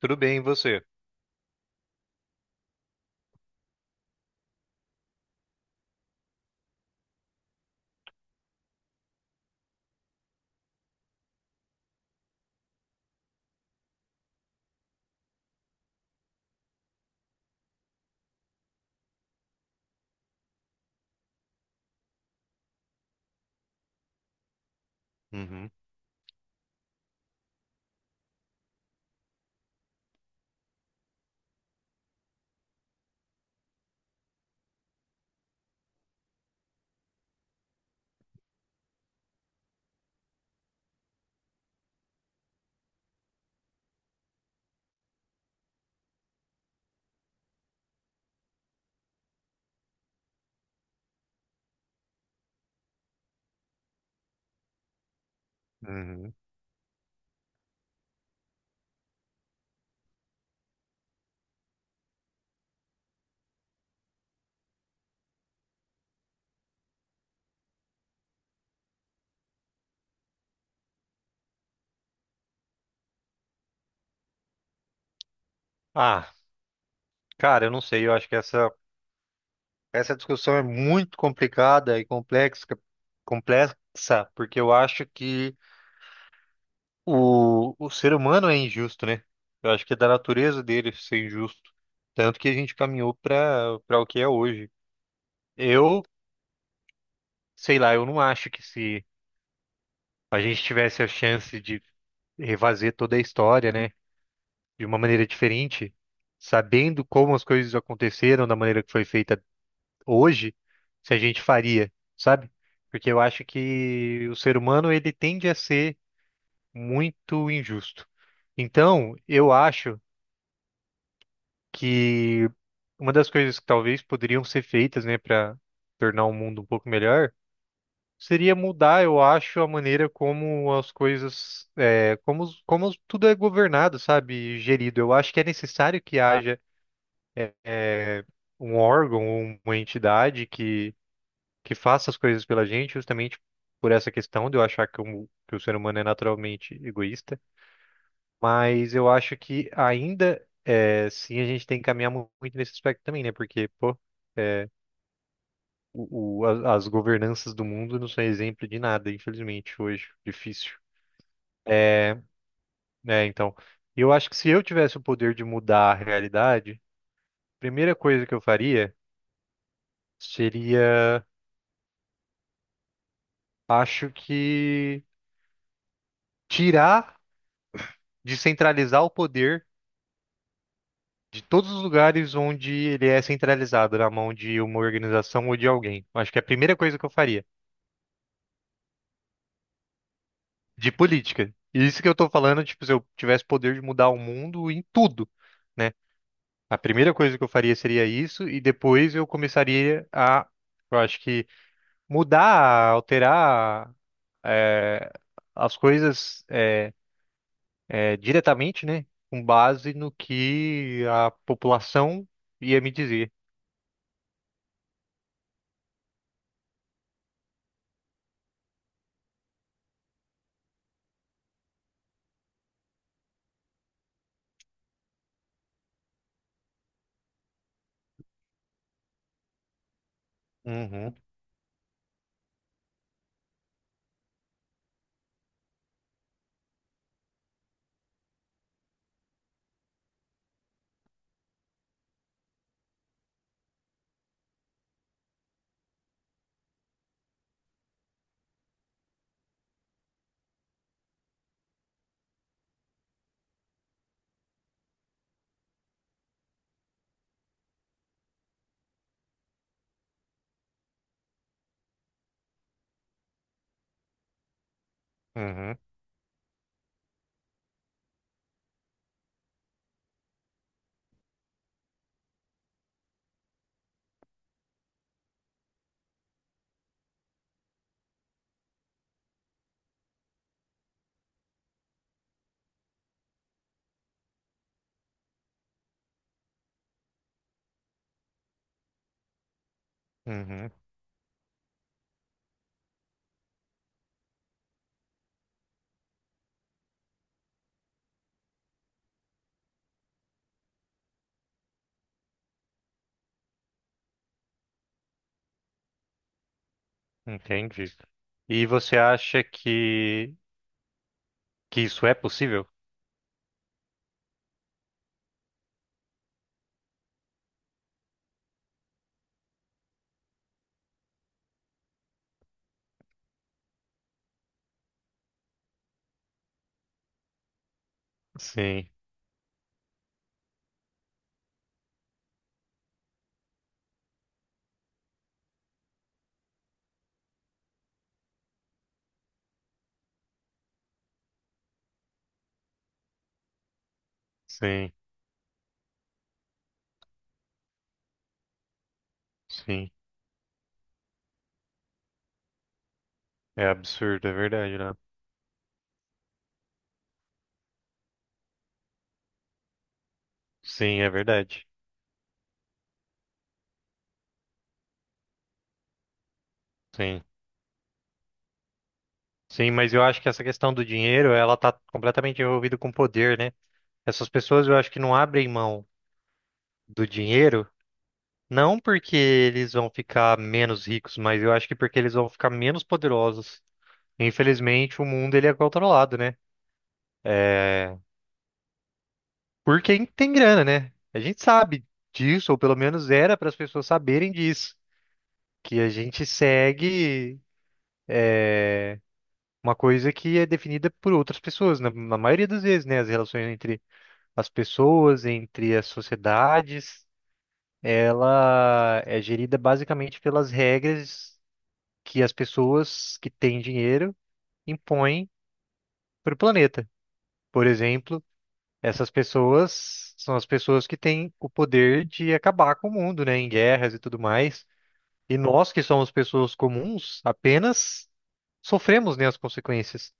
Tudo bem, e você? Uhum, uhum. Ah, Cara, eu não sei, eu acho que essa discussão é muito complicada e complexa, porque eu acho que o ser humano é injusto, né? Eu acho que é da natureza dele ser injusto. Tanto que a gente caminhou para o que é hoje. Eu, sei lá, eu não acho que se a gente tivesse a chance de refazer toda a história, né, de uma maneira diferente, sabendo como as coisas aconteceram da maneira que foi feita hoje se a gente faria, sabe? Porque eu acho que o ser humano ele tende a ser muito injusto. Então, eu acho que uma das coisas que talvez poderiam ser feitas, né, para tornar o mundo um pouco melhor, seria mudar, eu acho, a maneira como as coisas, é, como, como tudo é governado, sabe, gerido. Eu acho que é necessário que haja é, um órgão ou uma entidade que faça as coisas pela gente, justamente por essa questão de eu achar que que o ser humano é naturalmente egoísta. Mas eu acho que ainda é, sim a gente tem que caminhar mu- muito nesse aspecto também, né? Porque, pô, é, as governanças do mundo não são exemplo de nada, infelizmente, hoje. Difícil. É, né, então, eu acho que se eu tivesse o poder de mudar a realidade, a primeira coisa que eu faria seria, acho que, tirar, descentralizar o poder de todos os lugares onde ele é centralizado na mão de uma organização ou de alguém. Acho que é a primeira coisa que eu faria. De política. E isso que eu tô falando, tipo, se eu tivesse poder de mudar o mundo em tudo, né? A primeira coisa que eu faria seria isso, e depois eu começaria a, eu acho que, mudar, alterar, eh, as coisas, diretamente, né? Com base no que a população ia me dizer. Uhum, uhum, uhum. Entendi. E você acha que isso é possível? Sim, sim, sim. É absurdo, é verdade, né? Sim, é verdade. Sim. Sim, mas eu acho que essa questão do dinheiro, ela tá completamente envolvida com poder, né? Essas pessoas eu acho que não abrem mão do dinheiro, não porque eles vão ficar menos ricos, mas eu acho que porque eles vão ficar menos poderosos. Infelizmente, o mundo ele é controlado, né? É, por quem tem grana, né? A gente sabe disso, ou pelo menos era para as pessoas saberem disso, que a gente segue uma coisa que é definida por outras pessoas, na maioria das vezes, né? As relações entre as pessoas, entre as sociedades, ela é gerida basicamente pelas regras que as pessoas que têm dinheiro impõem para o planeta. Por exemplo, essas pessoas são as pessoas que têm o poder de acabar com o mundo, né? Em guerras e tudo mais. E nós, que somos pessoas comuns, apenas sofremos, né, as consequências.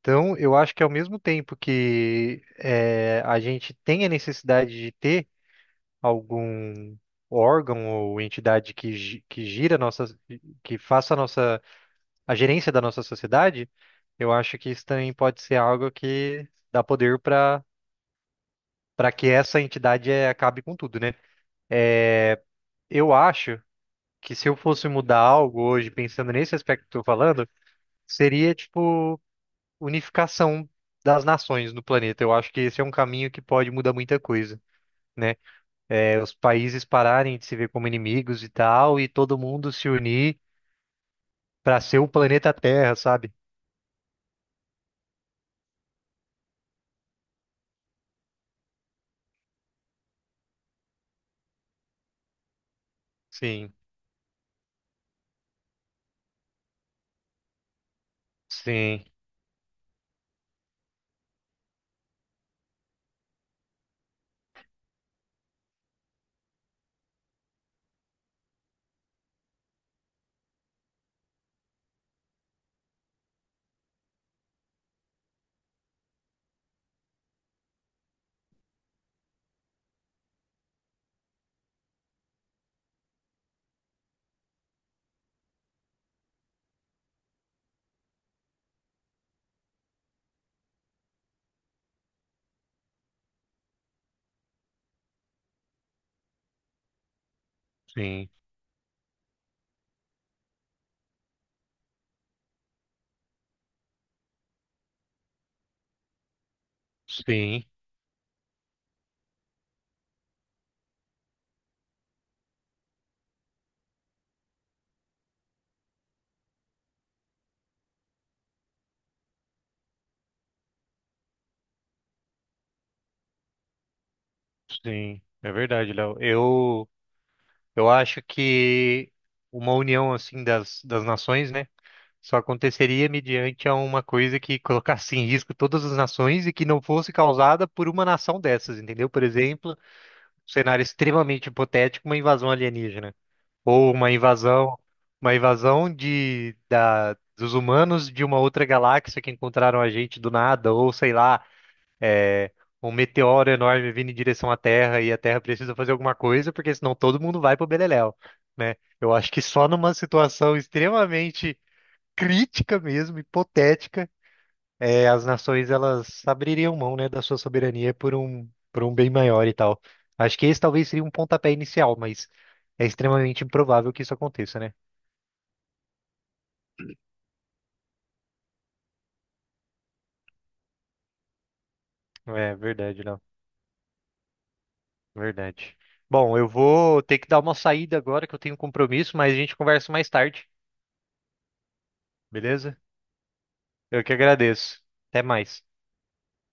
Então, eu acho que ao mesmo tempo que a gente tem a necessidade de ter algum órgão ou entidade que, que gira a nossa, que faça a nossa, a gerência da nossa sociedade, eu acho que isso também pode ser algo que dá poder para que essa entidade acabe com tudo, né? Eu acho que se eu fosse mudar algo hoje, pensando nesse aspecto que eu tô falando, seria tipo unificação das nações no planeta. Eu acho que esse é um caminho que pode mudar muita coisa, né? É, os países pararem de se ver como inimigos e tal, e todo mundo se unir para ser o planeta Terra, sabe? Sim, sim, sim, sim, sim. É verdade, Léo. Eu acho que uma união assim das nações, né? Só aconteceria mediante a uma coisa que colocasse em risco todas as nações e que não fosse causada por uma nação dessas, entendeu? Por exemplo, cenário extremamente hipotético, uma invasão alienígena. Ou uma invasão dos humanos de uma outra galáxia que encontraram a gente do nada, ou sei lá, um meteoro enorme vindo em direção à Terra e a Terra precisa fazer alguma coisa, porque senão todo mundo vai pro beleléu, né? Eu acho que só numa situação extremamente crítica mesmo, hipotética, é, as nações elas abririam mão, né, da sua soberania por por um bem maior e tal. Acho que esse talvez seria um pontapé inicial, mas é extremamente improvável que isso aconteça, né? É verdade, não. Verdade. Bom, eu vou ter que dar uma saída agora que eu tenho um compromisso, mas a gente conversa mais tarde, beleza? Eu que agradeço. Até mais.